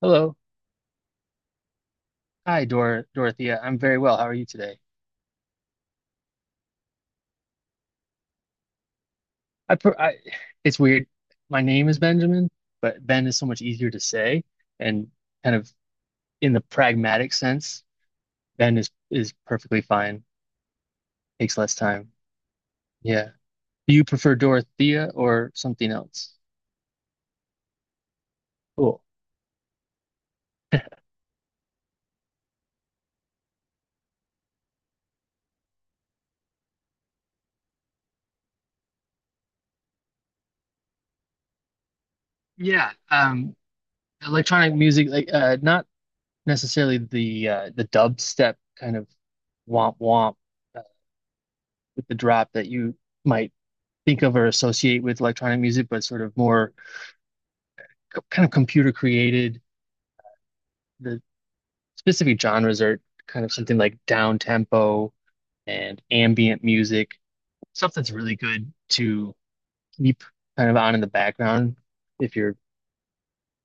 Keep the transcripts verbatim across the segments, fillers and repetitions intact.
Hello. Hi, Dor Dorothea. I'm very well. How are you today? I, pr I It's weird. My name is Benjamin, but Ben is so much easier to say and kind of in the pragmatic sense, Ben is is perfectly fine. Takes less time. Yeah. Do you prefer Dorothea or something else? Cool. Yeah. Um, electronic music, like uh, not necessarily the uh, the dubstep kind of womp womp uh, with the drop that you might think of or associate with electronic music, but sort of more co- kind of computer created. The specific genres are kind of something like down tempo and ambient music, stuff that's really good to keep kind of on in the background if you're,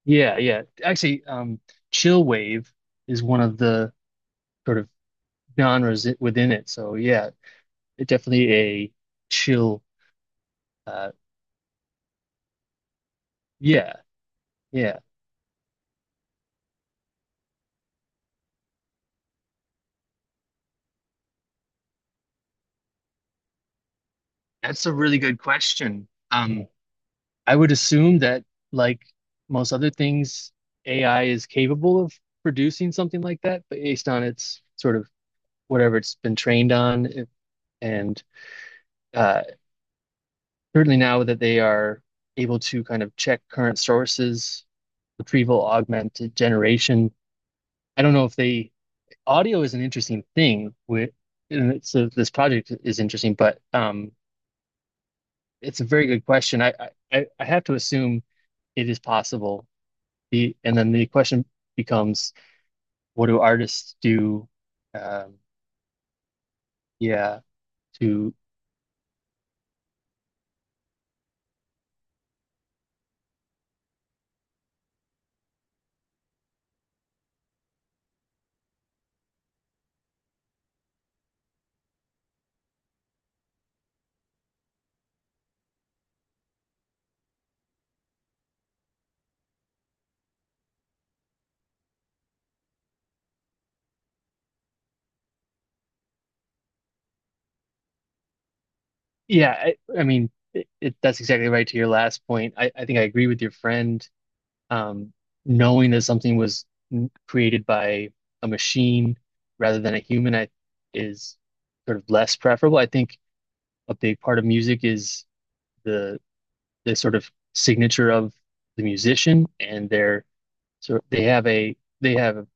yeah, yeah. Actually, um, chill wave is one of the sort of genres i- within it. So yeah, it definitely a chill. Uh, yeah, yeah. That's a really good question. Um, I would assume that, like most other things, A I is capable of producing something like that, but based on its sort of whatever it's been trained on. If, and uh, Certainly now that they are able to kind of check current sources, retrieval augmented generation. I don't know if they, Audio is an interesting thing with, and it's a, this project is interesting, but um, it's a very good question. I, I, I have to assume it is possible. The, and then the question becomes, what do artists do? Um, yeah, to yeah, I, I mean, it, it, that's exactly right to your last point. I, I think I agree with your friend. Um, knowing that something was n- created by a machine rather than a human, I, is sort of less preferable. I think a big part of music is the the sort of signature of the musician, and their so they have a they have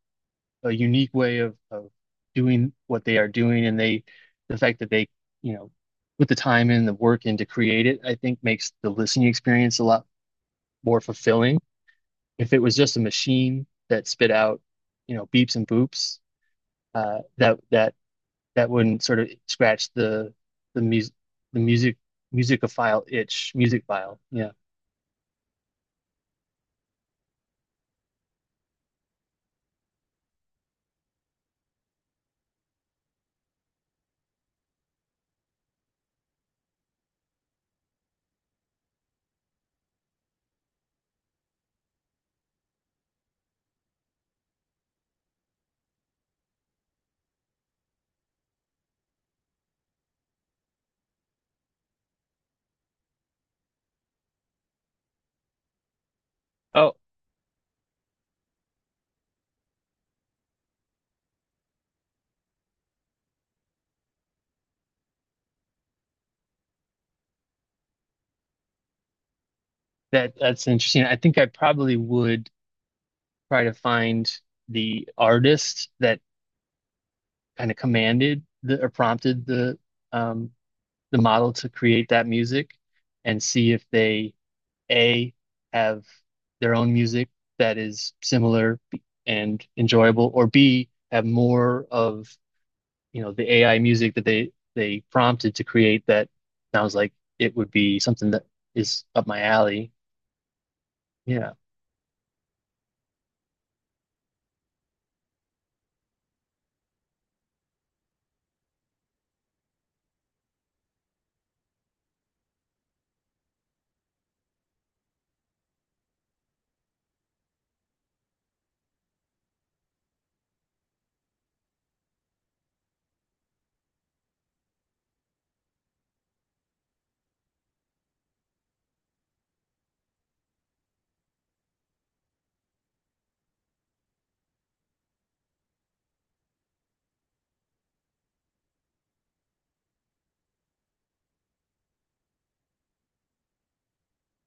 a unique way of of doing what they are doing, and they the fact that they, you know, put the time and the work in to create it, I think makes the listening experience a lot more fulfilling. If it was just a machine that spit out, you know, beeps and boops, uh, that that that wouldn't sort of scratch the the music the music musicophile itch, music file, yeah. Oh, that that's interesting. I think I probably would try to find the artist that kind of commanded the, or prompted the um, the model to create that music, and see if they, A, have their own music that is similar and enjoyable, or B, have more of, you know, the A I music that they they prompted to create that sounds like it would be something that is up my alley. Yeah.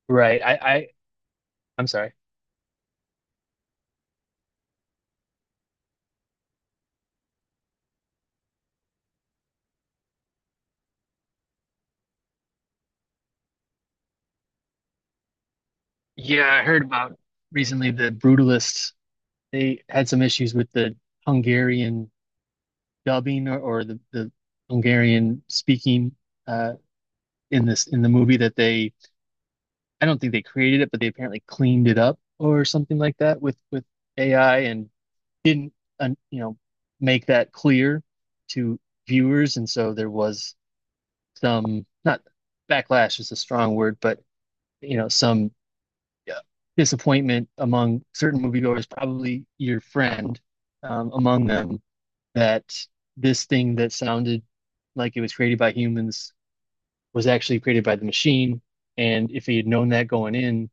Right. I, I I'm sorry. Yeah, I heard about recently the Brutalists. They had some issues with the Hungarian dubbing, or, or the, the Hungarian speaking, uh, in this in the movie, that they, I don't think they created it, but they apparently cleaned it up or something like that with with A I, and didn't, uh, you know, make that clear to viewers, and so there was some, not backlash is a strong word, but you know, some uh, disappointment among certain moviegoers, probably your friend um, among them, that this thing that sounded like it was created by humans was actually created by the machine. And if he had known that going in,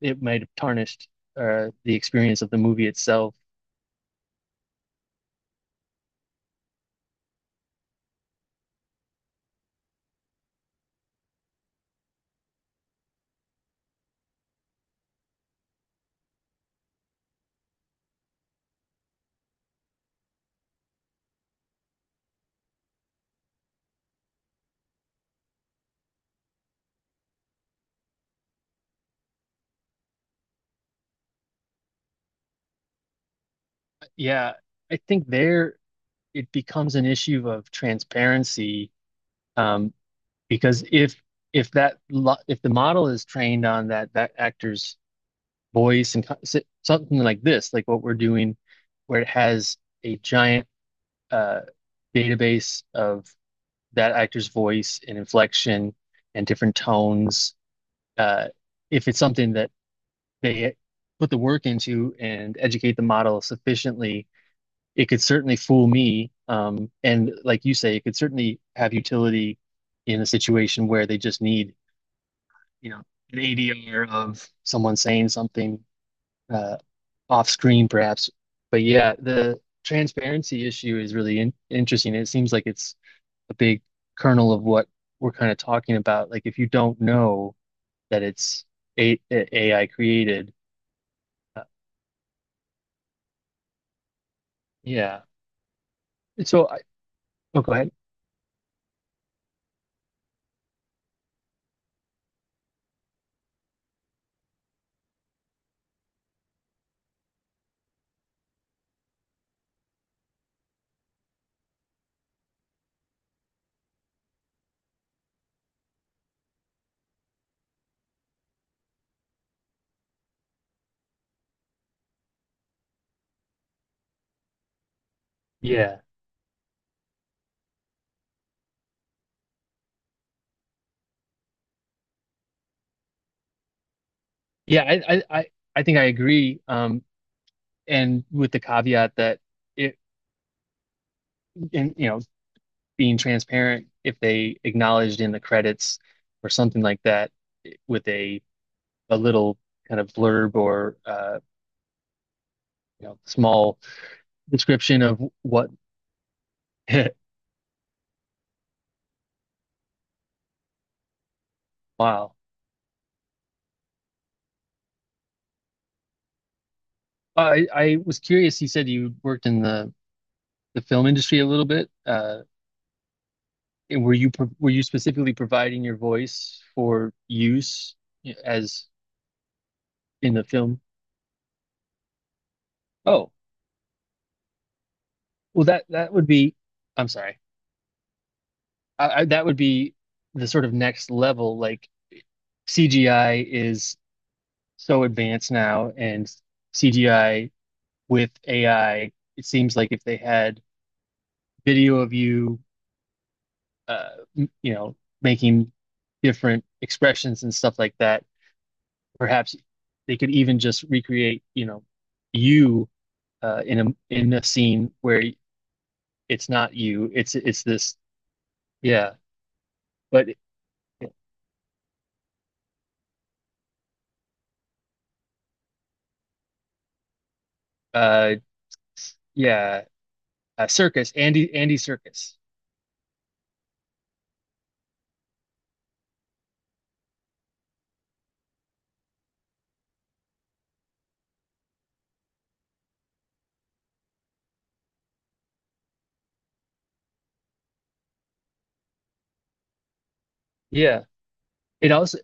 it might have tarnished uh, the experience of the movie itself. Yeah, I think there, it becomes an issue of transparency, um, because if if that lo if the model is trained on that that actor's voice and co- si- something like this, like what we're doing, where it has a giant uh, database of that actor's voice and inflection and different tones. Uh, if it's something that they put the work into and educate the model sufficiently, it could certainly fool me. Um, and like you say, it could certainly have utility in a situation where they just need, you know, an A D R of someone saying something, uh, off screen, perhaps. But yeah, the transparency issue is really in interesting. It seems like it's a big kernel of what we're kind of talking about. Like if you don't know that it's a AI created, uh, yeah. So I, oh, go ahead. Yeah, yeah. I, I I I think I agree. Um, and with the caveat that it, and you know, being transparent, if they acknowledged in the credits or something like that, eh, with a a little kind of blurb, or uh, you know, small description of what. Wow. Uh, I, I was curious. You said you worked in the, the film industry a little bit. Uh, and were you pro- were you specifically providing your voice for use as in the film? Oh, well that that would be. I'm sorry. I, I, that would be the sort of next level. Like C G I is so advanced now, and C G I with A I. It seems like if they had video of you, uh, m- you know, making different expressions and stuff like that. Perhaps they could even just recreate, you know, you, uh, in a in a scene where it's not you. It's it's this. Yeah, but uh, yeah, uh, Circus, Andy Andy Circus. Yeah, it also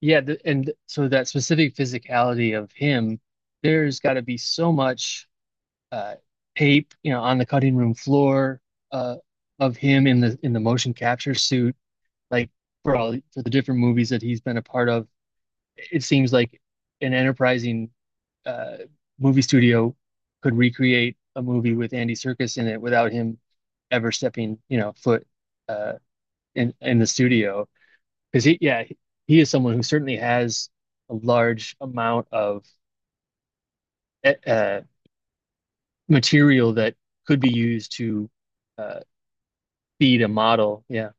yeah, the, and so that specific physicality of him, there's got to be so much uh, tape, you know, on the cutting room floor, uh, of him in the in the motion capture suit, like for all for the different movies that he's been a part of. It seems like an enterprising uh, movie studio could recreate a movie with Andy Serkis in it without him ever stepping, you know, foot, uh, in in the studio. Because he, yeah, he is someone who certainly has a large amount of eh, uh, material that could be used to uh, feed a model. Yeah,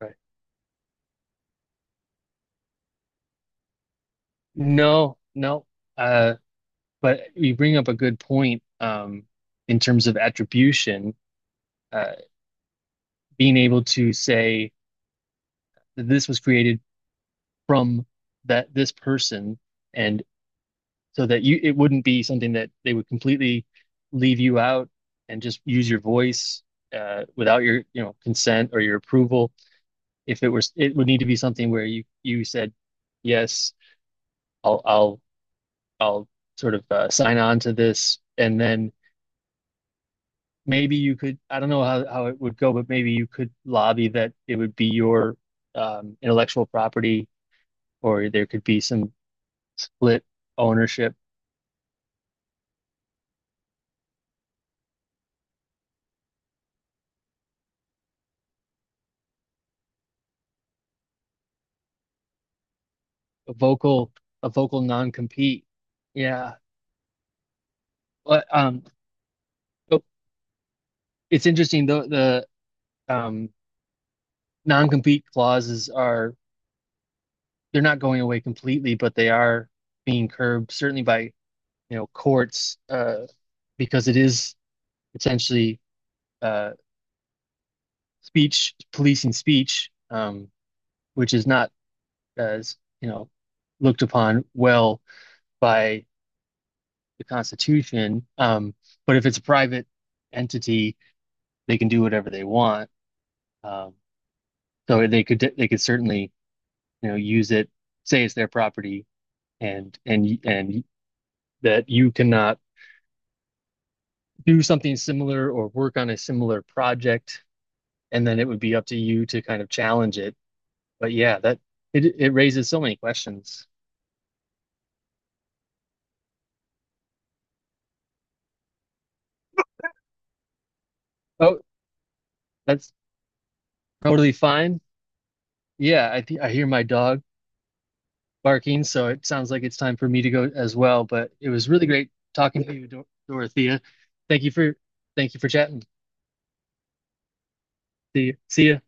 right. No, no. Uh, but you bring up a good point, um, in terms of attribution. Uh, Being able to say that this was created from that this person, and so that you, it wouldn't be something that they would completely leave you out and just use your voice uh, without your, you know, consent or your approval. If it was, it would need to be something where you you said yes, I'll I'll I'll sort of, uh, sign on to this, and then maybe you could, I don't know how how it would go, but maybe you could lobby that it would be your um, intellectual property, or there could be some split ownership, a vocal a vocal non-compete. Yeah. But um Oh, it's interesting though, the um non-compete clauses are, they're not going away completely, but they are being curbed certainly by, you know, courts, uh because it is potentially uh speech policing speech, um which is not as, you know, looked upon well by the Constitution. Um, but if it's a private entity, they can do whatever they want. Um, so they could they could certainly, you know, use it, say it's their property, and and and that you cannot do something similar or work on a similar project, and then it would be up to you to kind of challenge it. But yeah, that it it raises so many questions. Oh, that's totally fine. Yeah, I think I hear my dog barking, so it sounds like it's time for me to go as well. But it was really great talking to you, Dor- Dorothea. Thank you for Thank you for chatting. See you. See ya.